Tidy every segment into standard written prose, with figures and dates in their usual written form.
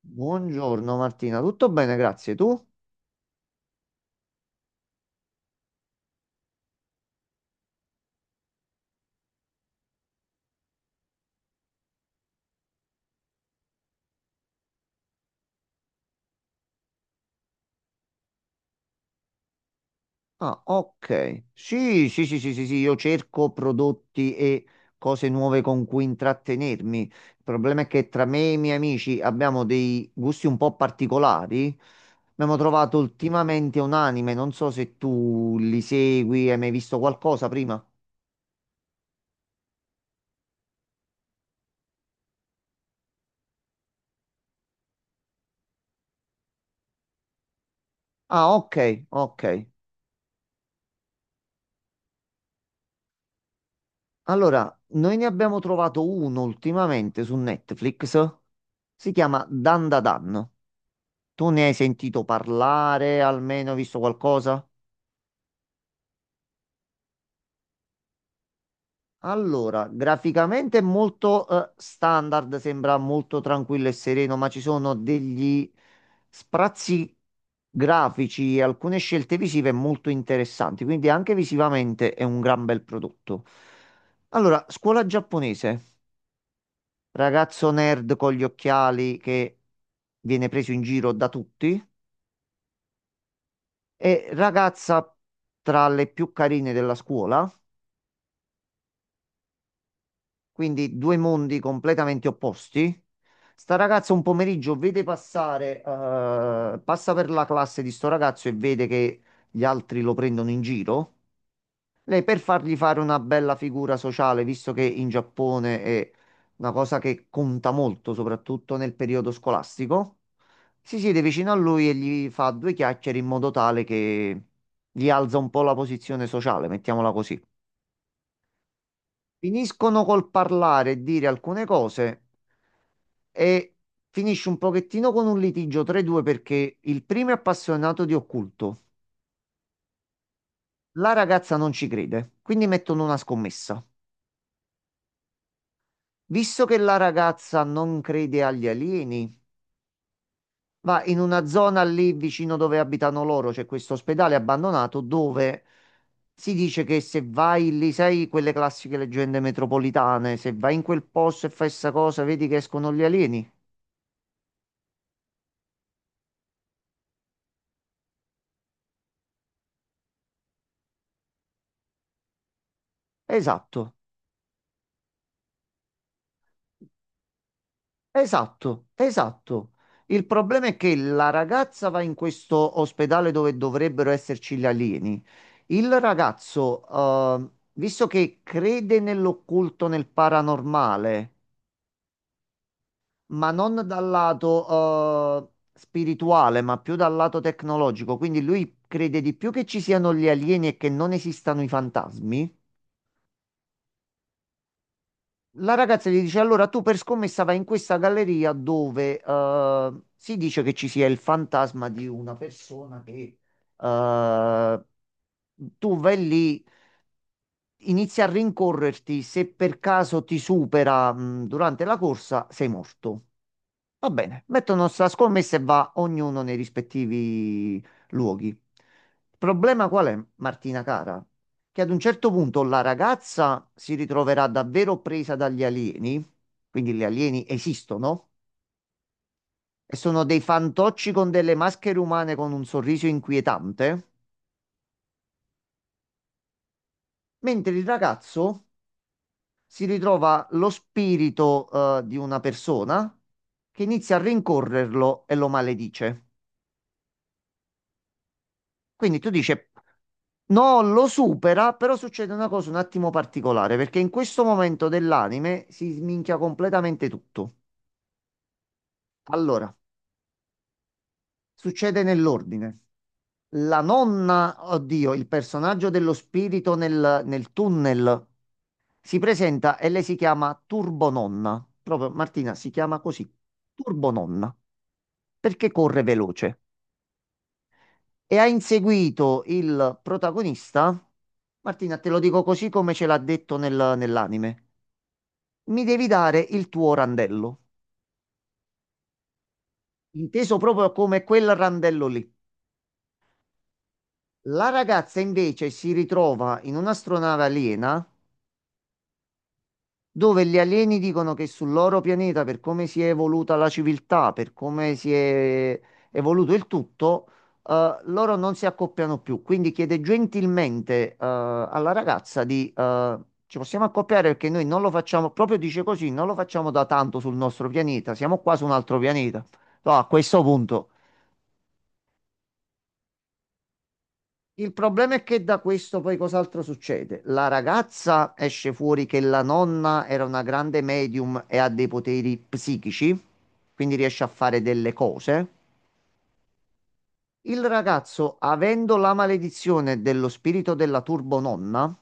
Buongiorno Martina, tutto bene, grazie. Tu? Ah, ok. Sì, sì, sì, sì, sì, sì, io cerco prodotti e cose nuove con cui intrattenermi. Il problema è che tra me e i miei amici abbiamo dei gusti un po' particolari. Abbiamo trovato ultimamente un anime, non so se tu li segui, hai mai visto qualcosa prima? Ah, ok, ok. Allora, noi ne abbiamo trovato uno ultimamente su Netflix. Si chiama Dan Da Dan. Tu ne hai sentito parlare, almeno visto qualcosa? Allora, graficamente è molto standard, sembra molto tranquillo e sereno, ma ci sono degli sprazzi grafici e alcune scelte visive molto interessanti, quindi anche visivamente è un gran bel prodotto. Allora, scuola giapponese, ragazzo nerd con gli occhiali che viene preso in giro da tutti e ragazza tra le più carine della scuola, quindi due mondi completamente opposti. Sta ragazza un pomeriggio passa per la classe di sto ragazzo e vede che gli altri lo prendono in giro. Lei per fargli fare una bella figura sociale, visto che in Giappone è una cosa che conta molto, soprattutto nel periodo scolastico, si siede vicino a lui e gli fa due chiacchiere in modo tale che gli alza un po' la posizione sociale, mettiamola così. Finiscono col parlare e dire alcune cose e finisce un pochettino con un litigio tra i due perché il primo è appassionato di occulto. La ragazza non ci crede, quindi mettono una scommessa. Visto che la ragazza non crede agli alieni, va in una zona lì vicino dove abitano loro, c'è questo ospedale abbandonato dove si dice che se vai lì, sai quelle classiche leggende metropolitane, se vai in quel posto e fai sta cosa, vedi che escono gli alieni. Esatto. Esatto, esatto. Il problema è che la ragazza va in questo ospedale dove dovrebbero esserci gli alieni. Il ragazzo, visto che crede nell'occulto, nel paranormale, ma non dal lato, spirituale, ma più dal lato tecnologico, quindi lui crede di più che ci siano gli alieni e che non esistano i fantasmi. La ragazza gli dice: Allora tu per scommessa vai in questa galleria dove si dice che ci sia il fantasma di una persona che eh, tu vai lì, inizi a rincorrerti. Se per caso ti supera durante la corsa, sei morto. Va bene, mettono sta scommessa e va ognuno nei rispettivi luoghi. Il problema qual è, Martina cara? Che ad un certo punto la ragazza si ritroverà davvero presa dagli alieni, quindi gli alieni esistono, e sono dei fantocci con delle maschere umane con un sorriso inquietante, mentre il ragazzo si ritrova lo spirito, di una persona che inizia a rincorrerlo e lo maledice. Quindi tu dici, non lo supera, però succede una cosa un attimo particolare, perché in questo momento dell'anime si sminchia completamente tutto. Allora, succede nell'ordine. La nonna, oddio, il personaggio dello spirito nel tunnel si presenta e lei si chiama Turbononna. Proprio Martina si chiama così, Turbononna, perché corre veloce. E ha inseguito il protagonista. Martina, te lo dico così come ce l'ha detto nell'anime. Mi devi dare il tuo randello, inteso proprio come quel randello lì. La ragazza invece si ritrova in un'astronave aliena dove gli alieni dicono che sul loro pianeta, per come si è evoluta la civiltà, per come si è evoluto il tutto, loro non si accoppiano più. Quindi chiede gentilmente, alla ragazza di, ci possiamo accoppiare perché noi non lo facciamo, proprio dice così, non lo facciamo da tanto sul nostro pianeta, siamo qua su un altro pianeta. No, a questo punto. Il problema è che da questo poi cos'altro succede? La ragazza esce fuori che la nonna era una grande medium e ha dei poteri psichici, quindi riesce a fare delle cose. Il ragazzo, avendo la maledizione dello spirito della turbononna,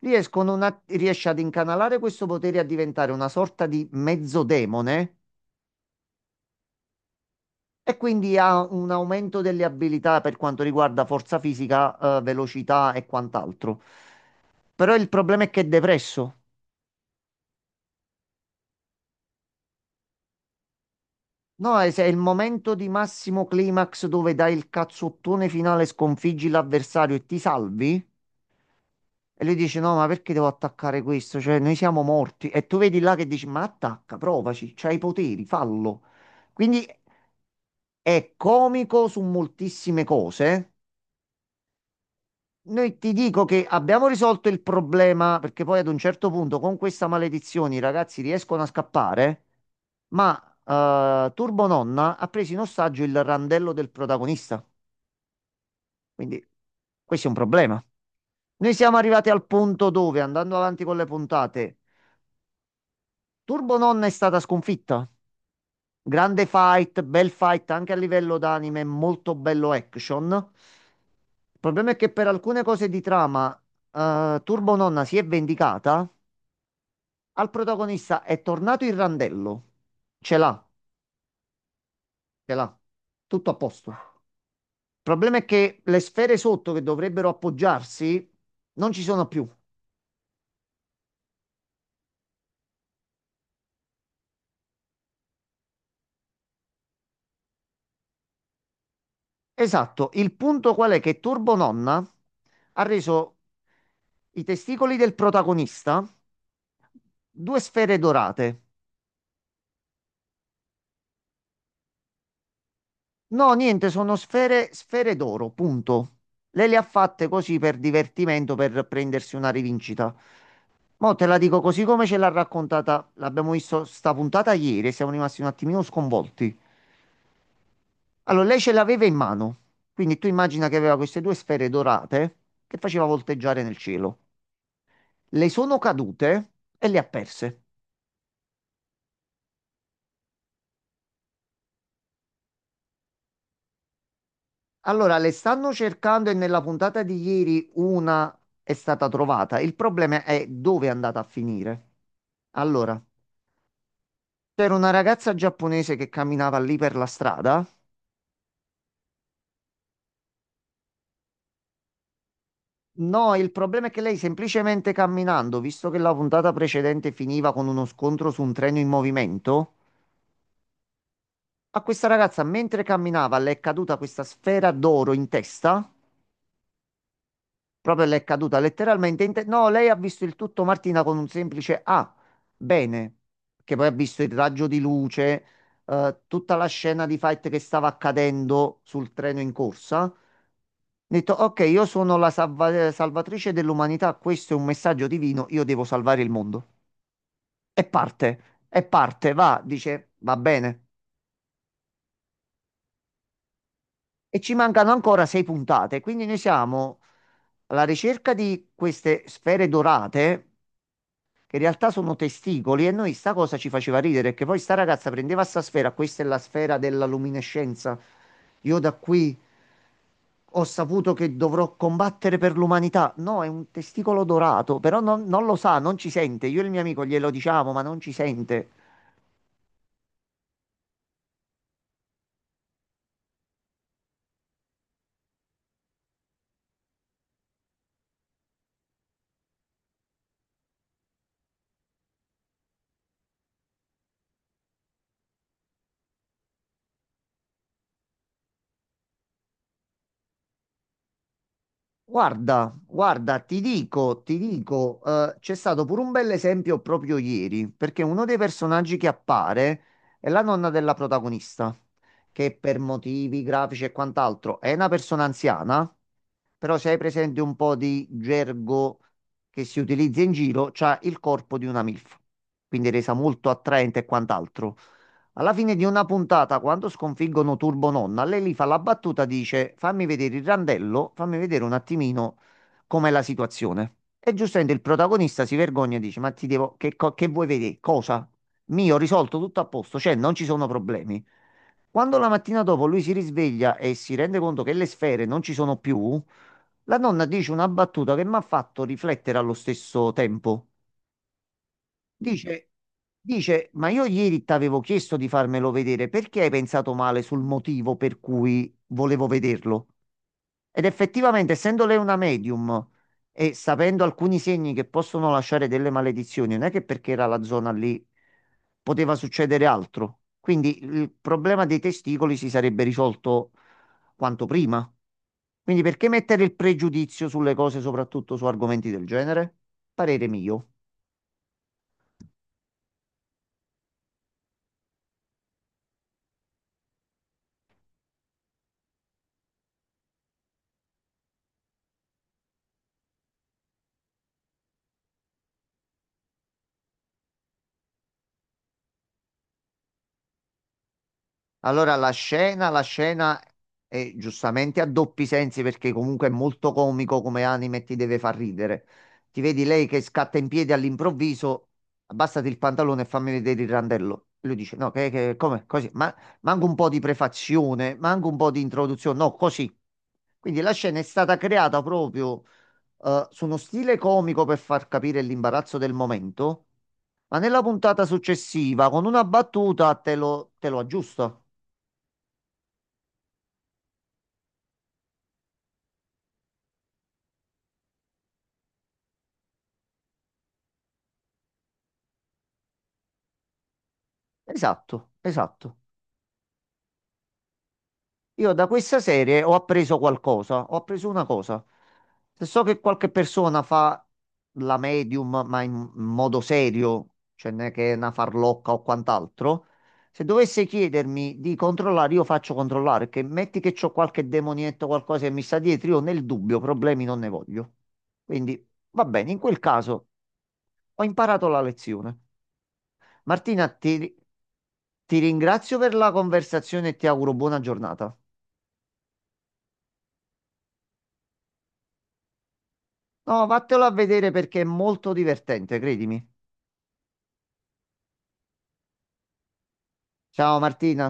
riesce ad incanalare questo potere a diventare una sorta di mezzodemone e quindi ha un aumento delle abilità per quanto riguarda forza fisica, velocità e quant'altro. Però il problema è che è depresso. No, è il momento di massimo climax dove dai il cazzottone finale, sconfiggi l'avversario e ti salvi. E lui dice: No, ma perché devo attaccare questo? Cioè, noi siamo morti. E tu vedi là che dici: Ma attacca, provaci, c'hai i poteri, fallo. Quindi è comico su moltissime cose. Noi ti dico che abbiamo risolto il problema perché poi ad un certo punto con questa maledizione i ragazzi riescono a scappare, ma Turbo Nonna ha preso in ostaggio il randello del protagonista. Quindi questo è un problema. Noi siamo arrivati al punto dove, andando avanti con le puntate, Turbo Nonna è stata sconfitta. Grande fight, bel fight anche a livello d'anime, molto bello action. Il problema è che per alcune cose di trama, Turbo Nonna si è vendicata. Al protagonista è tornato il randello. Ce l'ha, ce l'ha. Tutto a posto. Il problema è che le sfere sotto che dovrebbero appoggiarsi non ci sono più. Esatto, il punto qual è che Turbo Nonna ha reso i testicoli del protagonista due sfere dorate. No, niente, sono sfere, sfere d'oro, punto. Lei le ha fatte così per divertimento, per prendersi una rivincita. Mo' te la dico così come ce l'ha raccontata, l'abbiamo visto sta puntata ieri e siamo rimasti un attimino sconvolti. Allora, lei ce l'aveva in mano, quindi tu immagina che aveva queste due sfere dorate che faceva volteggiare nel cielo. Le sono cadute e le ha perse. Allora le stanno cercando e nella puntata di ieri una è stata trovata. Il problema è dove è andata a finire. Allora, c'era una ragazza giapponese che camminava lì per la strada. No, il problema è che lei semplicemente camminando, visto che la puntata precedente finiva con uno scontro su un treno in movimento, a questa ragazza mentre camminava le è caduta questa sfera d'oro in testa. Proprio le è caduta letteralmente. No, lei ha visto il tutto, Martina, con un semplice ah, bene, che poi ha visto il raggio di luce, tutta la scena di fight che stava accadendo sul treno in corsa. Ha detto, ok, io sono la salvatrice dell'umanità, questo è un messaggio divino, io devo salvare il mondo. E parte, e parte, va, dice, va bene. E ci mancano ancora 6 puntate, quindi noi siamo alla ricerca di queste sfere dorate che in realtà sono testicoli e noi sta cosa ci faceva ridere, che poi sta ragazza prendeva sta sfera, questa è la sfera della luminescenza. Io da qui ho saputo che dovrò combattere per l'umanità. No, è un testicolo dorato, però non lo sa, non ci sente. Io e il mio amico glielo diciamo, ma non ci sente. Guarda, guarda, ti dico, c'è stato pure un bel esempio proprio ieri, perché uno dei personaggi che appare è la nonna della protagonista, che per motivi grafici e quant'altro è una persona anziana, però se hai presente un po' di gergo che si utilizza in giro, c'ha il corpo di una MILF, quindi resa molto attraente e quant'altro. Alla fine di una puntata, quando sconfiggono Turbo Nonna, lei lì fa la battuta, dice fammi vedere il randello, fammi vedere un attimino com'è la situazione. E giustamente il protagonista si vergogna e dice ma ti devo, che vuoi vedere? Cosa? Mio, ho risolto tutto a posto, cioè non ci sono problemi. Quando la mattina dopo lui si risveglia e si rende conto che le sfere non ci sono più, la donna dice una battuta che mi ha fatto riflettere allo stesso tempo. Dice, dice, ma io ieri ti avevo chiesto di farmelo vedere, perché hai pensato male sul motivo per cui volevo vederlo? Ed effettivamente, essendo lei una medium e sapendo alcuni segni che possono lasciare delle maledizioni, non è che perché era la zona lì poteva succedere altro. Quindi il problema dei testicoli si sarebbe risolto quanto prima. Quindi perché mettere il pregiudizio sulle cose, soprattutto su argomenti del genere? Parere mio. Allora, la scena è giustamente a doppi sensi perché comunque è molto comico come anime e ti deve far ridere. Ti vedi lei che scatta in piedi all'improvviso, abbassati il pantalone e fammi vedere il randello. E lui dice, no, come, così, ma manca un po' di prefazione, manca un po' di introduzione, no, così. Quindi la scena è stata creata proprio su uno stile comico per far capire l'imbarazzo del momento, ma nella puntata successiva, con una battuta, te lo aggiusta. Esatto, esatto. Io da questa serie ho appreso qualcosa, ho appreso una cosa. Se so che qualche persona fa la medium, ma in modo serio, cioè non è che è una farlocca o quant'altro, se dovesse chiedermi di controllare, io faccio controllare, che metti che c'ho qualche demonietto, qualcosa che mi sta dietro, io nel dubbio problemi non ne voglio. Quindi va bene, in quel caso ho imparato la lezione. Martina, ti ringrazio per la conversazione e ti auguro buona giornata. No, vattelo a vedere perché è molto divertente, credimi. Ciao Martina.